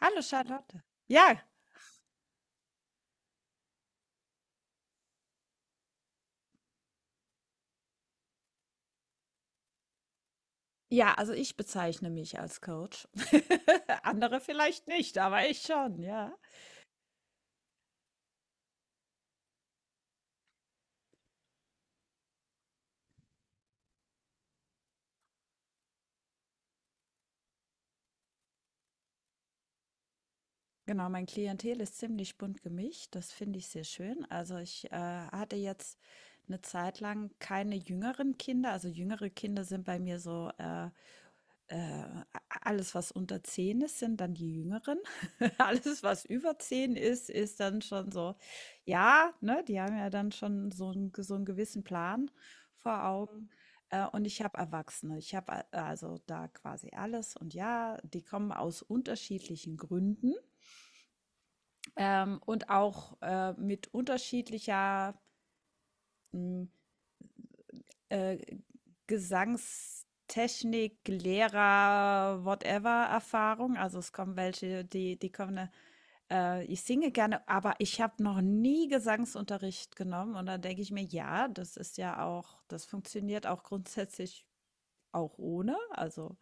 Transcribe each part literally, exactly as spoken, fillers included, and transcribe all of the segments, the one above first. Hallo Charlotte. Ja, ja, also ich bezeichne mich als Coach. Andere vielleicht nicht, aber ich schon, ja. Genau, mein Klientel ist ziemlich bunt gemischt. Das finde ich sehr schön. Also ich äh, hatte jetzt eine Zeit lang keine jüngeren Kinder. Also jüngere Kinder sind bei mir so äh, äh, alles, was unter zehn ist, sind dann die Jüngeren. Alles, was über zehn ist, ist dann schon so, ja, ne, die haben ja dann schon so, einen- so einen gewissen Plan vor Augen. Äh, und ich habe Erwachsene. Ich habe äh, also da quasi alles. Und ja, die kommen aus unterschiedlichen Gründen ähm, und auch äh, mit unterschiedlicher m, äh, Gesangstechnik, Lehrer, whatever Erfahrung. Also es kommen welche, die, die kommen, äh, ich singe gerne, aber ich habe noch nie Gesangsunterricht genommen. Und dann denke ich mir, ja, das ist ja auch, das funktioniert auch grundsätzlich auch ohne. Also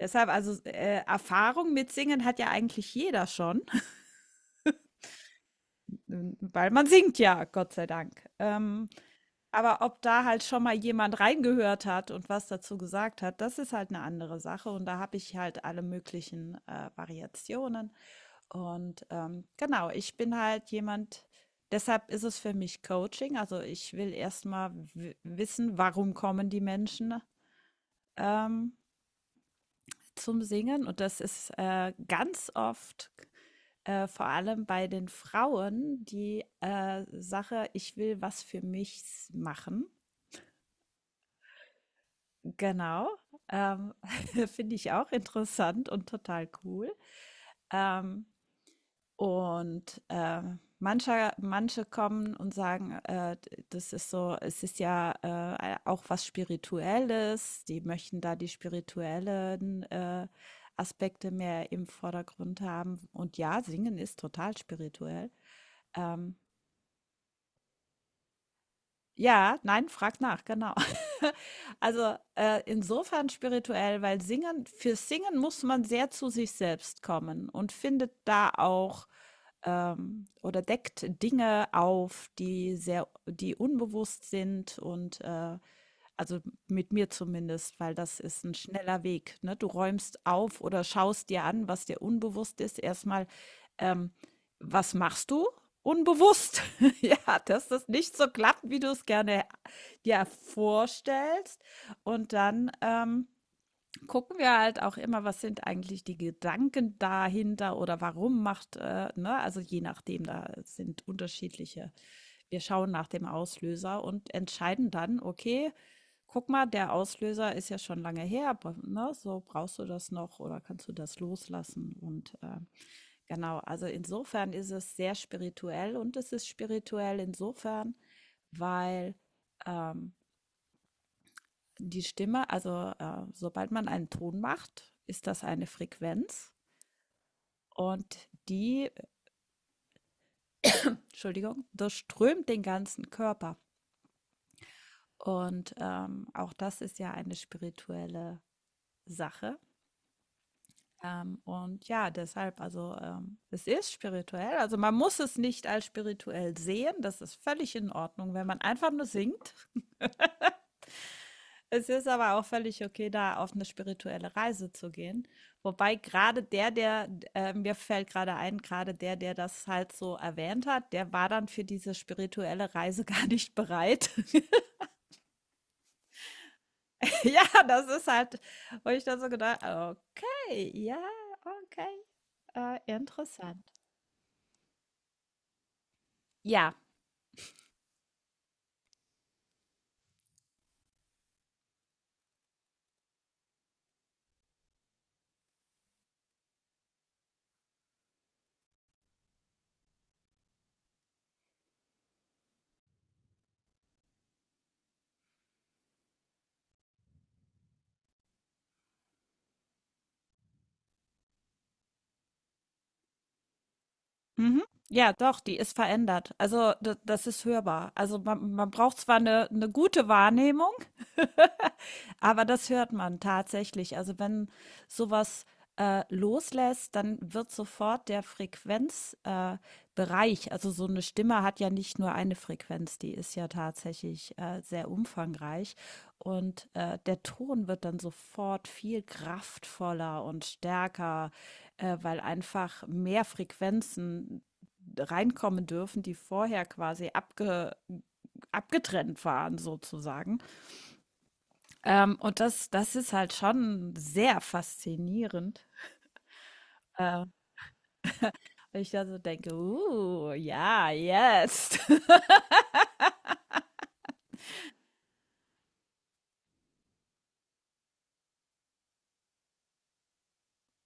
deshalb, also äh, Erfahrung mit Singen hat ja eigentlich jeder schon, weil man singt ja, Gott sei Dank. Ähm, Aber ob da halt schon mal jemand reingehört hat und was dazu gesagt hat, das ist halt eine andere Sache und da habe ich halt alle möglichen, äh, Variationen und, ähm, genau, ich bin halt jemand deshalb ist es für mich Coaching. Also, ich will erstmal wissen, warum kommen die Menschen, ähm, zum Singen und das ist, äh, ganz oft, äh, vor allem bei den Frauen die, äh, Sache: „Ich will was für mich machen." Genau, ähm, finde ich auch interessant und total cool. Ähm, und ähm, manche, manche kommen und sagen, äh, das ist so, es ist ja äh, auch was Spirituelles, die möchten da die spirituellen äh, Aspekte mehr im Vordergrund haben. Und ja, singen ist total spirituell. Ähm, Ja, nein, frag nach, genau. Also, äh, insofern spirituell, weil singen, für Singen muss man sehr zu sich selbst kommen und findet da auch ähm, oder deckt Dinge auf, die sehr, die unbewusst sind und äh, also mit mir zumindest, weil das ist ein schneller Weg, ne? Du räumst auf oder schaust dir an, was dir unbewusst ist. Erstmal, ähm, was machst du? Unbewusst. Ja, dass das nicht so klappt, wie du es gerne dir vorstellst. Und dann, ähm gucken wir halt auch immer, was sind eigentlich die Gedanken dahinter oder warum macht, äh, ne? Also je nachdem, da sind unterschiedliche. Wir schauen nach dem Auslöser und entscheiden dann, okay, guck mal, der Auslöser ist ja schon lange her, aber, ne? So brauchst du das noch oder kannst du das loslassen? Und äh, genau, also insofern ist es sehr spirituell und es ist spirituell insofern, weil ähm, die Stimme, also äh, sobald man einen Ton macht, ist das eine Frequenz und die, Entschuldigung, durchströmt den ganzen Körper. Und ähm, auch das ist ja eine spirituelle Sache. Ähm, und ja, deshalb, also ähm, es ist spirituell. Also man muss es nicht als spirituell sehen. Das ist völlig in Ordnung, wenn man einfach nur singt. Es ist aber auch völlig okay, da auf eine spirituelle Reise zu gehen. Wobei gerade der, der, äh, mir fällt gerade ein, gerade der, der das halt so erwähnt hat, der war dann für diese spirituelle Reise gar nicht bereit. Ja, das ist halt, wo ich dann so gedacht, okay, ja, okay, äh, interessant. Ja. Mhm. Ja, doch, die ist verändert. Also da- das ist hörbar. Also man, man braucht zwar eine, eine gute Wahrnehmung, aber das hört man tatsächlich. Also wenn sowas äh, loslässt, dann wird sofort der Frequenzbereich, äh, Bereich, also so eine Stimme hat ja nicht nur eine Frequenz, die ist ja tatsächlich äh, sehr umfangreich. Und äh, der Ton wird dann sofort viel kraftvoller und stärker, äh, weil einfach mehr Frequenzen reinkommen dürfen, die vorher quasi abge abgetrennt waren, sozusagen. Ähm, und das, das ist halt schon sehr faszinierend. Äh, ich also denke, uh, ja, jetzt.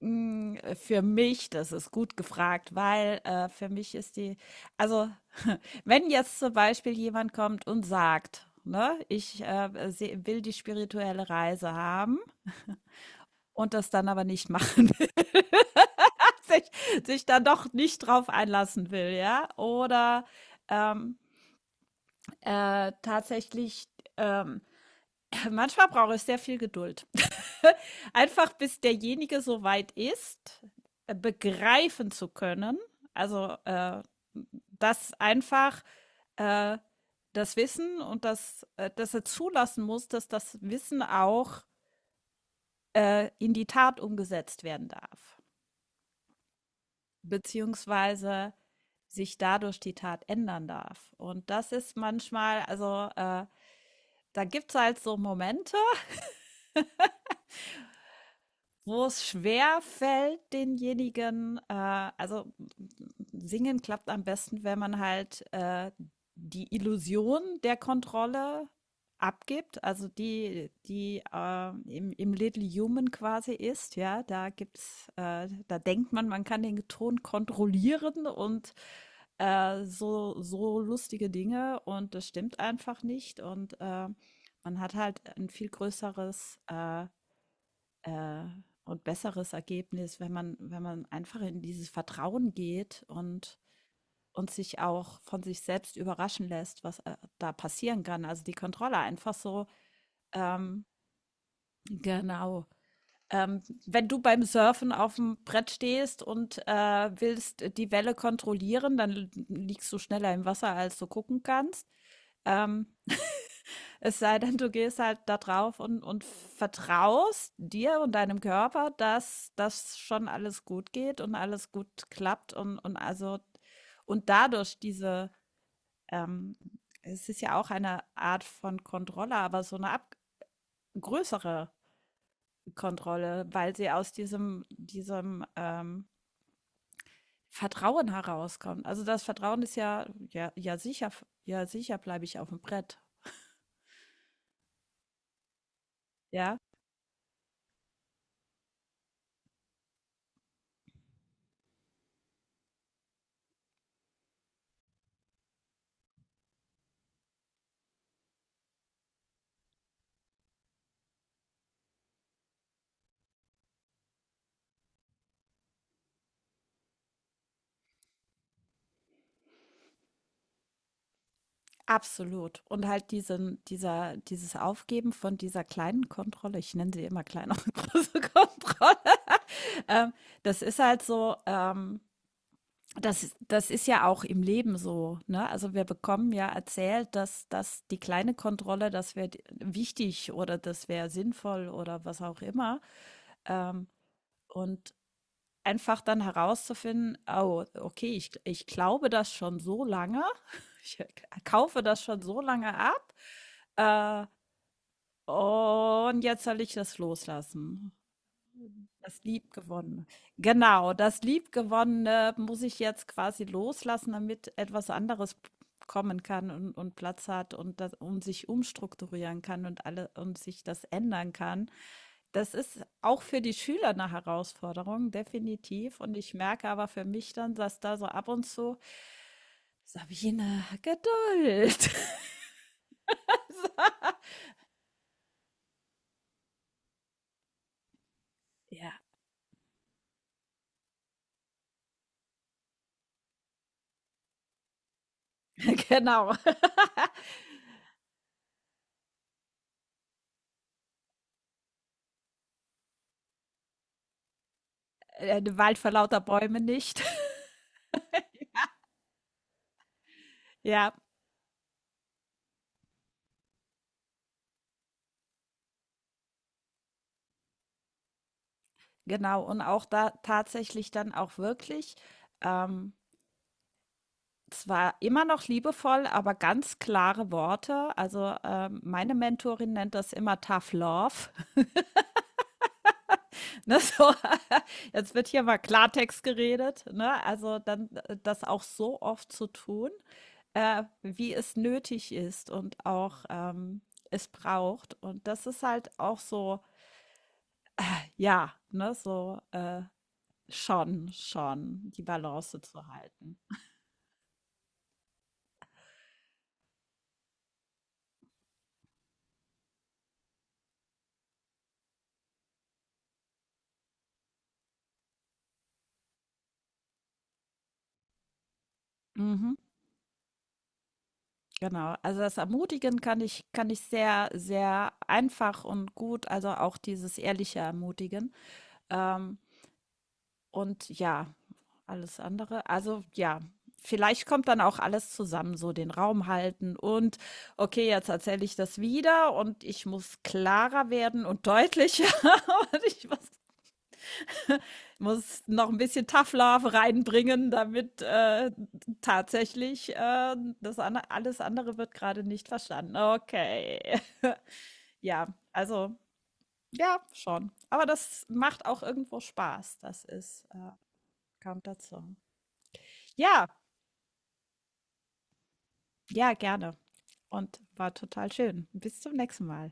Hm, äh, für mich, das ist gut gefragt, weil, äh, für mich ist die also, wenn jetzt zum Beispiel jemand kommt und sagt, ne: „Ich, äh, se will die spirituelle Reise haben" und das dann aber nicht machen will, sich sich dann doch nicht drauf einlassen will, ja? Oder, ähm, äh, tatsächlich, ähm manchmal brauche ich sehr viel Geduld. Einfach bis derjenige so weit ist, äh, begreifen zu können, also äh, dass einfach äh, das Wissen und das, äh, dass er zulassen muss, dass das Wissen auch äh, in die Tat umgesetzt werden darf, beziehungsweise sich dadurch die Tat ändern darf. Und das ist manchmal, also äh, da gibt es halt so Momente, wo es schwer fällt, denjenigen, äh, also singen klappt am besten, wenn man halt äh, die Illusion der Kontrolle abgibt, also die, die äh, im, im Little Human quasi ist, ja, da gibt's, äh, da denkt man, man kann den Ton kontrollieren und äh, so, so lustige Dinge und das stimmt einfach nicht und äh, man hat halt ein viel größeres äh, äh, und besseres Ergebnis, wenn man, wenn man einfach in dieses Vertrauen geht und, und sich auch von sich selbst überraschen lässt, was äh, da passieren kann. Also die Kontrolle einfach so, ähm, genau. Ähm, wenn du beim Surfen auf dem Brett stehst und äh, willst die Welle kontrollieren, dann liegst du schneller im Wasser, als du gucken kannst. Ähm, Es sei denn, du gehst halt da drauf und, und vertraust dir und deinem Körper, dass das schon alles gut geht und alles gut klappt und, und also und dadurch diese, ähm, es ist ja auch eine Art von Kontrolle, aber so eine ab größere Kontrolle, weil sie aus diesem, diesem ähm, Vertrauen herauskommt. Also das Vertrauen ist ja, ja, ja sicher, ja sicher bleibe ich auf dem Brett. Ja, absolut. Und halt diesen dieser dieses Aufgeben von dieser kleinen Kontrolle, ich nenne sie immer kleine und große Kontrolle. Ähm, das ist halt so, ähm, das das ist ja auch im Leben so, ne? Also wir bekommen ja erzählt, dass dass die kleine Kontrolle, das wäre wichtig oder das wäre sinnvoll oder was auch immer. Ähm, und einfach dann herauszufinden, oh, okay, ich, ich glaube das schon so lange, ich kaufe das schon so lange ab äh, und jetzt soll ich das loslassen. Das Liebgewonnene. Genau, das Liebgewonnene muss ich jetzt quasi loslassen, damit etwas anderes kommen kann und, und Platz hat und, das, und sich umstrukturieren kann und alle und sich das ändern kann. Das ist auch für die Schüler eine Herausforderung, definitiv. Und ich merke aber für mich dann, dass da so ab und zu, Sabine, Geduld. Ja, genau. Der Wald vor lauter Bäume nicht. Ja, genau, und auch da tatsächlich dann auch wirklich, ähm, zwar immer noch liebevoll, aber ganz klare Worte. Also, ähm, meine Mentorin nennt das immer Tough Love, ne, so. Jetzt wird hier mal Klartext geredet, ne? Also, dann äh, das auch so oft zu tun, äh, wie es nötig ist und auch, ähm, es braucht. Und das ist halt auch so ja, ne, so, äh, schon schon die Balance zu halten. Mhm. Genau, also das Ermutigen kann ich kann ich sehr, sehr einfach und gut, also auch dieses ehrliche Ermutigen. Ähm, und ja, alles andere, also ja, vielleicht kommt dann auch alles zusammen, so den Raum halten und okay, jetzt erzähle ich das wieder und ich muss klarer werden und deutlicher und ich muss muss noch ein bisschen Tough Love reinbringen, damit, äh, tatsächlich, äh, das an alles andere wird gerade nicht verstanden. Okay. Ja, also ja, schon. Aber das macht auch irgendwo Spaß. Das ist äh, kommt dazu. Ja, ja, gerne und war total schön. Bis zum nächsten Mal.